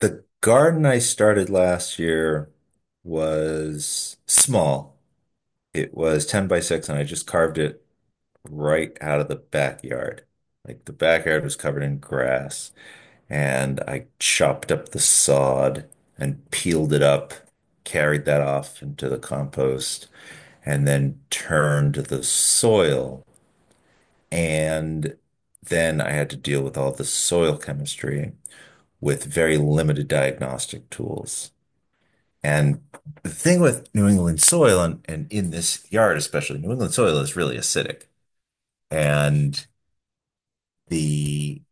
The garden I started last year was small. It was 10 by 6, and I just carved it right out of the backyard. Like the backyard was covered in grass, and I chopped up the sod and peeled it up, carried that off into the compost, and then turned the soil. And then I had to deal with all the soil chemistry with very limited diagnostic tools. And the thing with New England soil and in this yard, especially, New England soil is really acidic. And the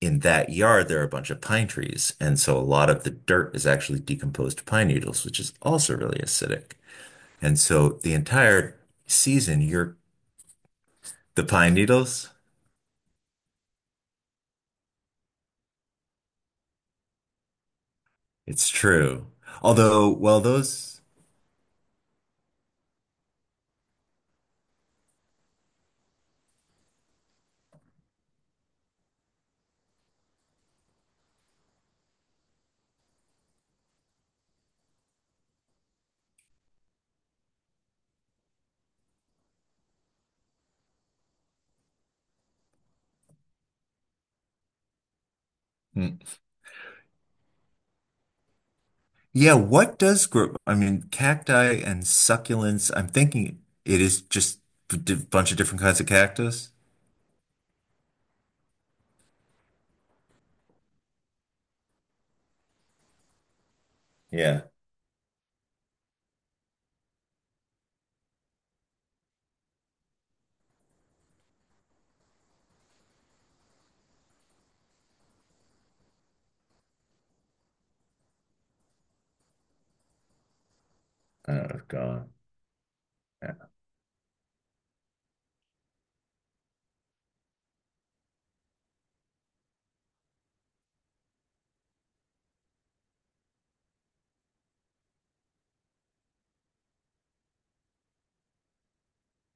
in that yard, there are a bunch of pine trees. And so a lot of the dirt is actually decomposed pine needles, which is also really acidic. And so the entire season, you're the pine needles. It's true. Although, well, those, hmm. Yeah, what does grow? I mean, cacti and succulents, I'm thinking it is just bunch of different kinds of cactus. Yeah. I don't know if gone. Yeah.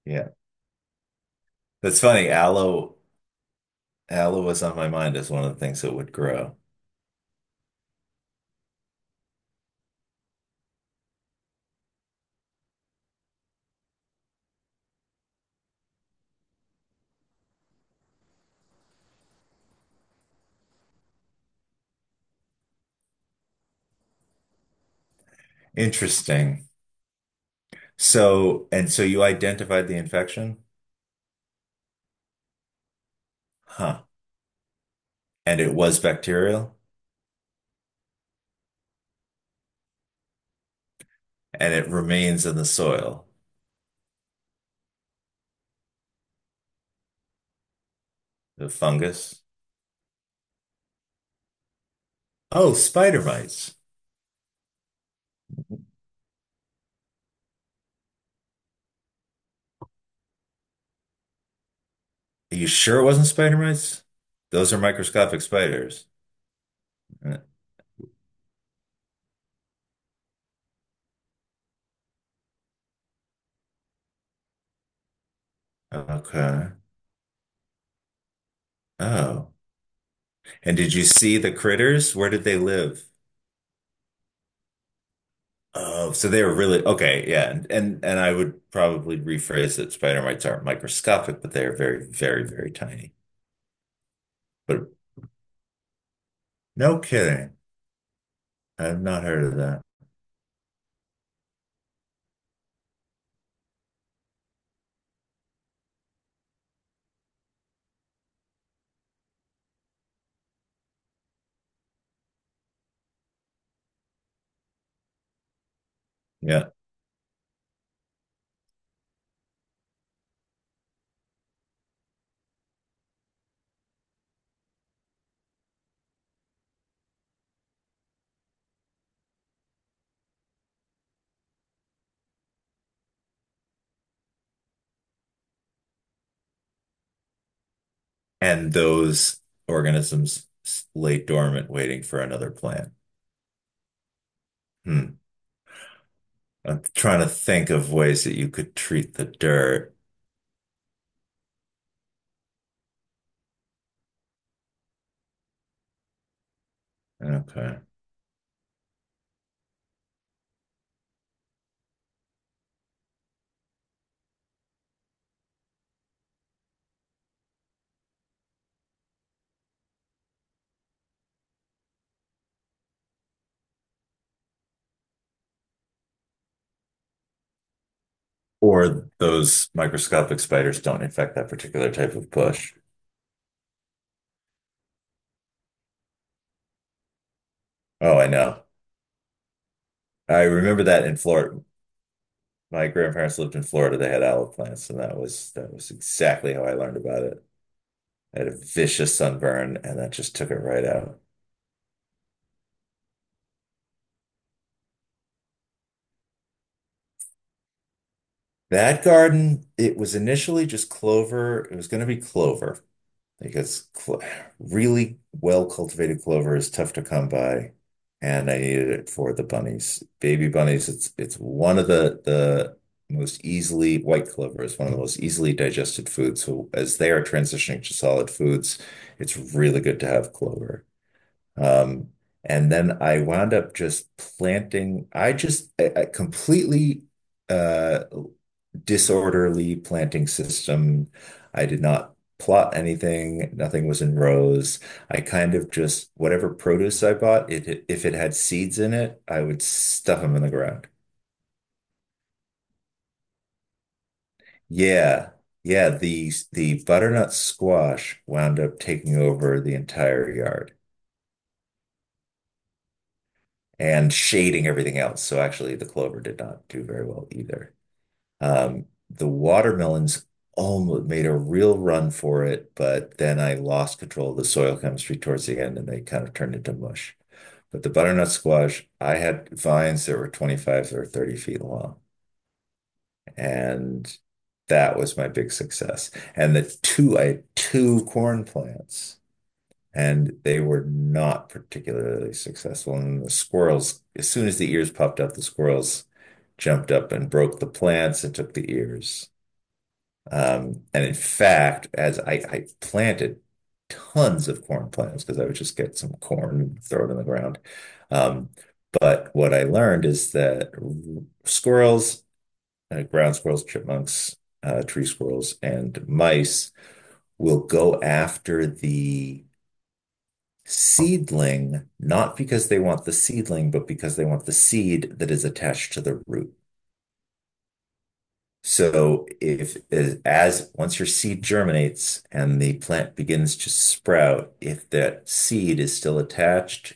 Yeah. That's funny. Aloe was on my mind as one of the things that would grow. Interesting. So, and so you identified the infection? Huh. And it was bacterial and it remains in the soil. The fungus. Oh, spider mites. Are you sure it wasn't spider mites? Those are microscopic spiders. Uh, Okay. Oh. And did you see the critters? Where did they live? Oh, so they were really okay, yeah, and I would probably rephrase that spider mites aren't microscopic, but they are very, very, very tiny. But no kidding, I've not heard of that. Yeah, and those lay dormant, waiting for another plant. Hmm. I'm trying to think of ways that you could treat the dirt. Okay, or those microscopic spiders don't infect that particular type of bush. Oh, I know. I remember that in Florida. My grandparents lived in Florida. They had olive plants, and that was exactly how I learned about it. I had a vicious sunburn, and that just took it right out. That garden, it was initially just clover. It was going to be clover. Because cl really well cultivated clover is tough to come by, and I needed it for the bunnies, baby bunnies. It's one of the most easily white clover is one of the most easily digested foods. So as they are transitioning to solid foods, it's really good to have clover. Um, and then I wound up just planting. I completely uh disorderly planting system. I did not plot anything. Nothing was in rows. I kind of just whatever produce I bought, it if it had seeds in it, I would stuff them in the ground. Yeah. Yeah, the butternut squash wound up taking over the entire yard and shading everything else. So actually the clover did not do very well either. The watermelons almost made a real run for it, but then I lost control of the soil chemistry towards the end, and they kind of turned into mush. But the butternut squash, I had vines that were 25 or 30 feet long, and that was my big success. I had two corn plants, and they were not particularly successful. And the squirrels, as soon as the ears popped up, the squirrels jumped up and broke the plants and took the ears. And in fact, as I planted tons of corn plants because I would just get some corn and throw it in the ground. Um, but what I learned is that squirrels, ground squirrels, chipmunks, tree squirrels, and mice will go after the seedling, not because they want the seedling, but because they want the seed that is attached to the root. So if as, as once your seed germinates and the plant begins to sprout, if that seed is still attached,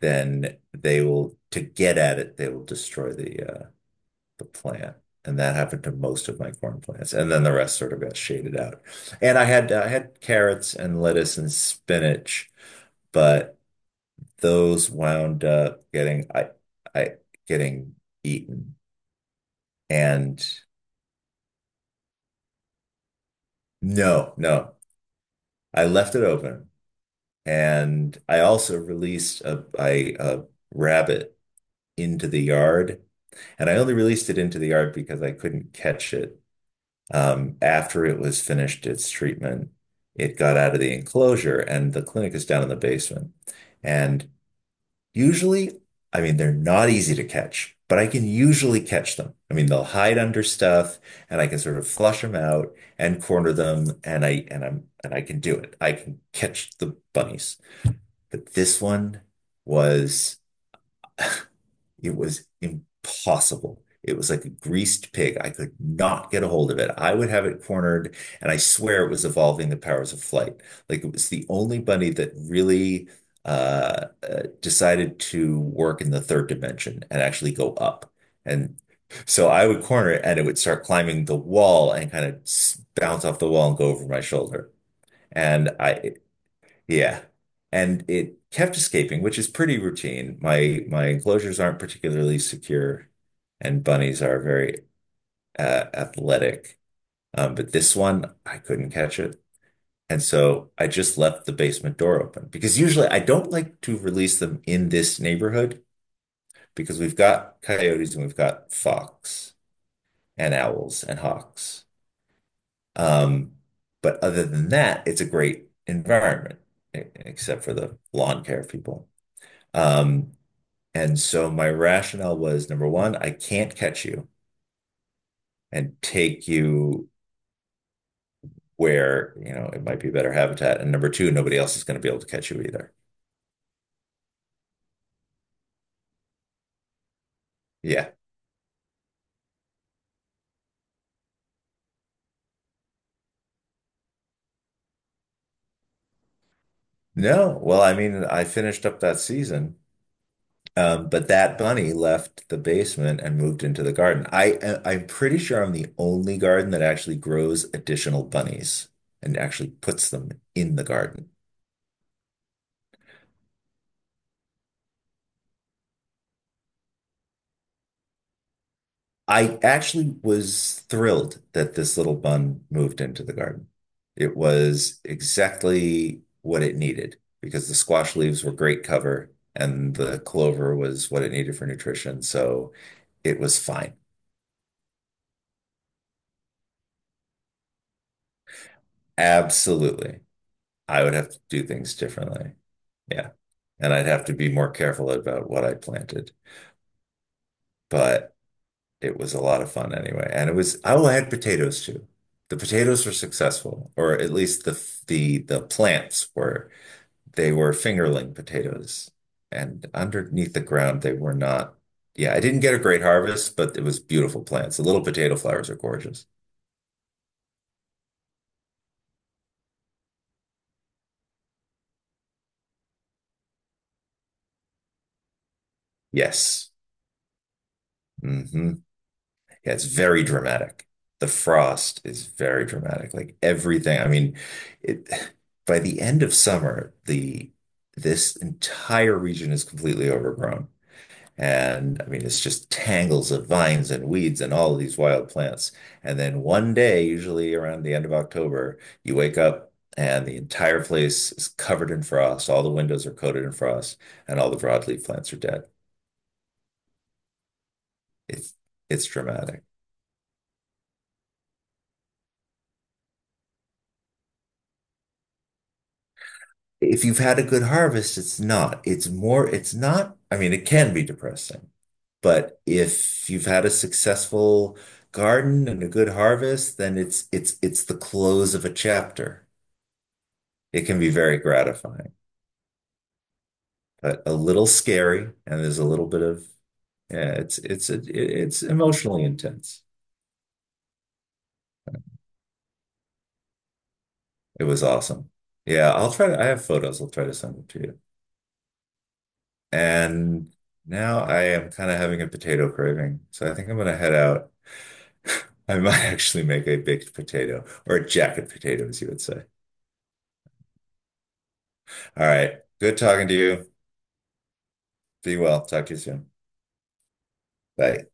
then they will to get at it, they will destroy the plant. And that happened to most of my corn plants. And then the rest sort of got shaded out. And I had carrots and lettuce and spinach, but those wound up getting I getting eaten. And no, no, I left it open. And I also released a rabbit into the yard. And I only released it into the yard because I couldn't catch it. After it was finished its treatment, it got out of the enclosure, and the clinic is down in the basement. And usually, I mean, they're not easy to catch, but I can usually catch them. I mean, they'll hide under stuff, and I can sort of flush them out and corner them, and I can do it. I can catch the bunnies. But this one was, it was impossible. It was like a greased pig. I could not get a hold of it. I would have it cornered, and I swear it was evolving the powers of flight. Like it was the only bunny that really decided to work in the third dimension and actually go up. And so I would corner it, and it would start climbing the wall and kind of bounce off the wall and go over my shoulder. And I yeah. And it kept escaping, which is pretty routine. My enclosures aren't particularly secure, and bunnies are very athletic. But this one, I couldn't catch it. And so I just left the basement door open because usually I don't like to release them in this neighborhood because we've got coyotes and we've got fox and owls and hawks. Um, but other than that, it's a great environment, except for the lawn care people. Um, And so my rationale was number one, I can't catch you and take you where, you know, it might be better habitat. And number two, nobody else is going to be able to catch you either. Yeah. No. Well, I mean, I finished up that season. But that bunny left the basement and moved into the garden. I'm pretty sure I'm the only garden that actually grows additional bunnies and actually puts them in the garden. I actually was thrilled that this little bun moved into the garden. It was exactly what it needed because the squash leaves were great cover and the clover was what it needed for nutrition. So it was fine. Absolutely. I would have to do things differently. Yeah. And I'd have to be more careful about what I planted. But it was a lot of fun anyway, and it was. I will add potatoes too. The potatoes were successful, or at least the plants were. They were fingerling potatoes, and underneath the ground they were not. Yeah, I didn't get a great harvest, but it was beautiful plants. The little potato flowers are gorgeous. Yes. Hmm. Yeah, it's very dramatic. The frost is very dramatic. Like everything. I mean, it by the end of summer, the this entire region is completely overgrown. And I mean, it's just tangles of vines and weeds and all of these wild plants. And then one day, usually around the end of October, you wake up and the entire place is covered in frost. All the windows are coated in frost, and all the broadleaf plants are dead. It's it's dramatic. If you've had a good harvest, it's not. It's more, it's not. I mean, it can be depressing, but if you've had a successful garden and a good harvest, then it's the close of a chapter. It can be very gratifying, but a little scary, and there's a little bit of yeah, it's emotionally intense. It was awesome. Yeah, I'll try to, I have photos. I'll try to send them to you. And now I am kind of having a potato craving, so I think I'm gonna head out. I might actually make a baked potato or a jacket potato, as you would say. All right. Good talking to you. Be well. Talk to you soon. Bye.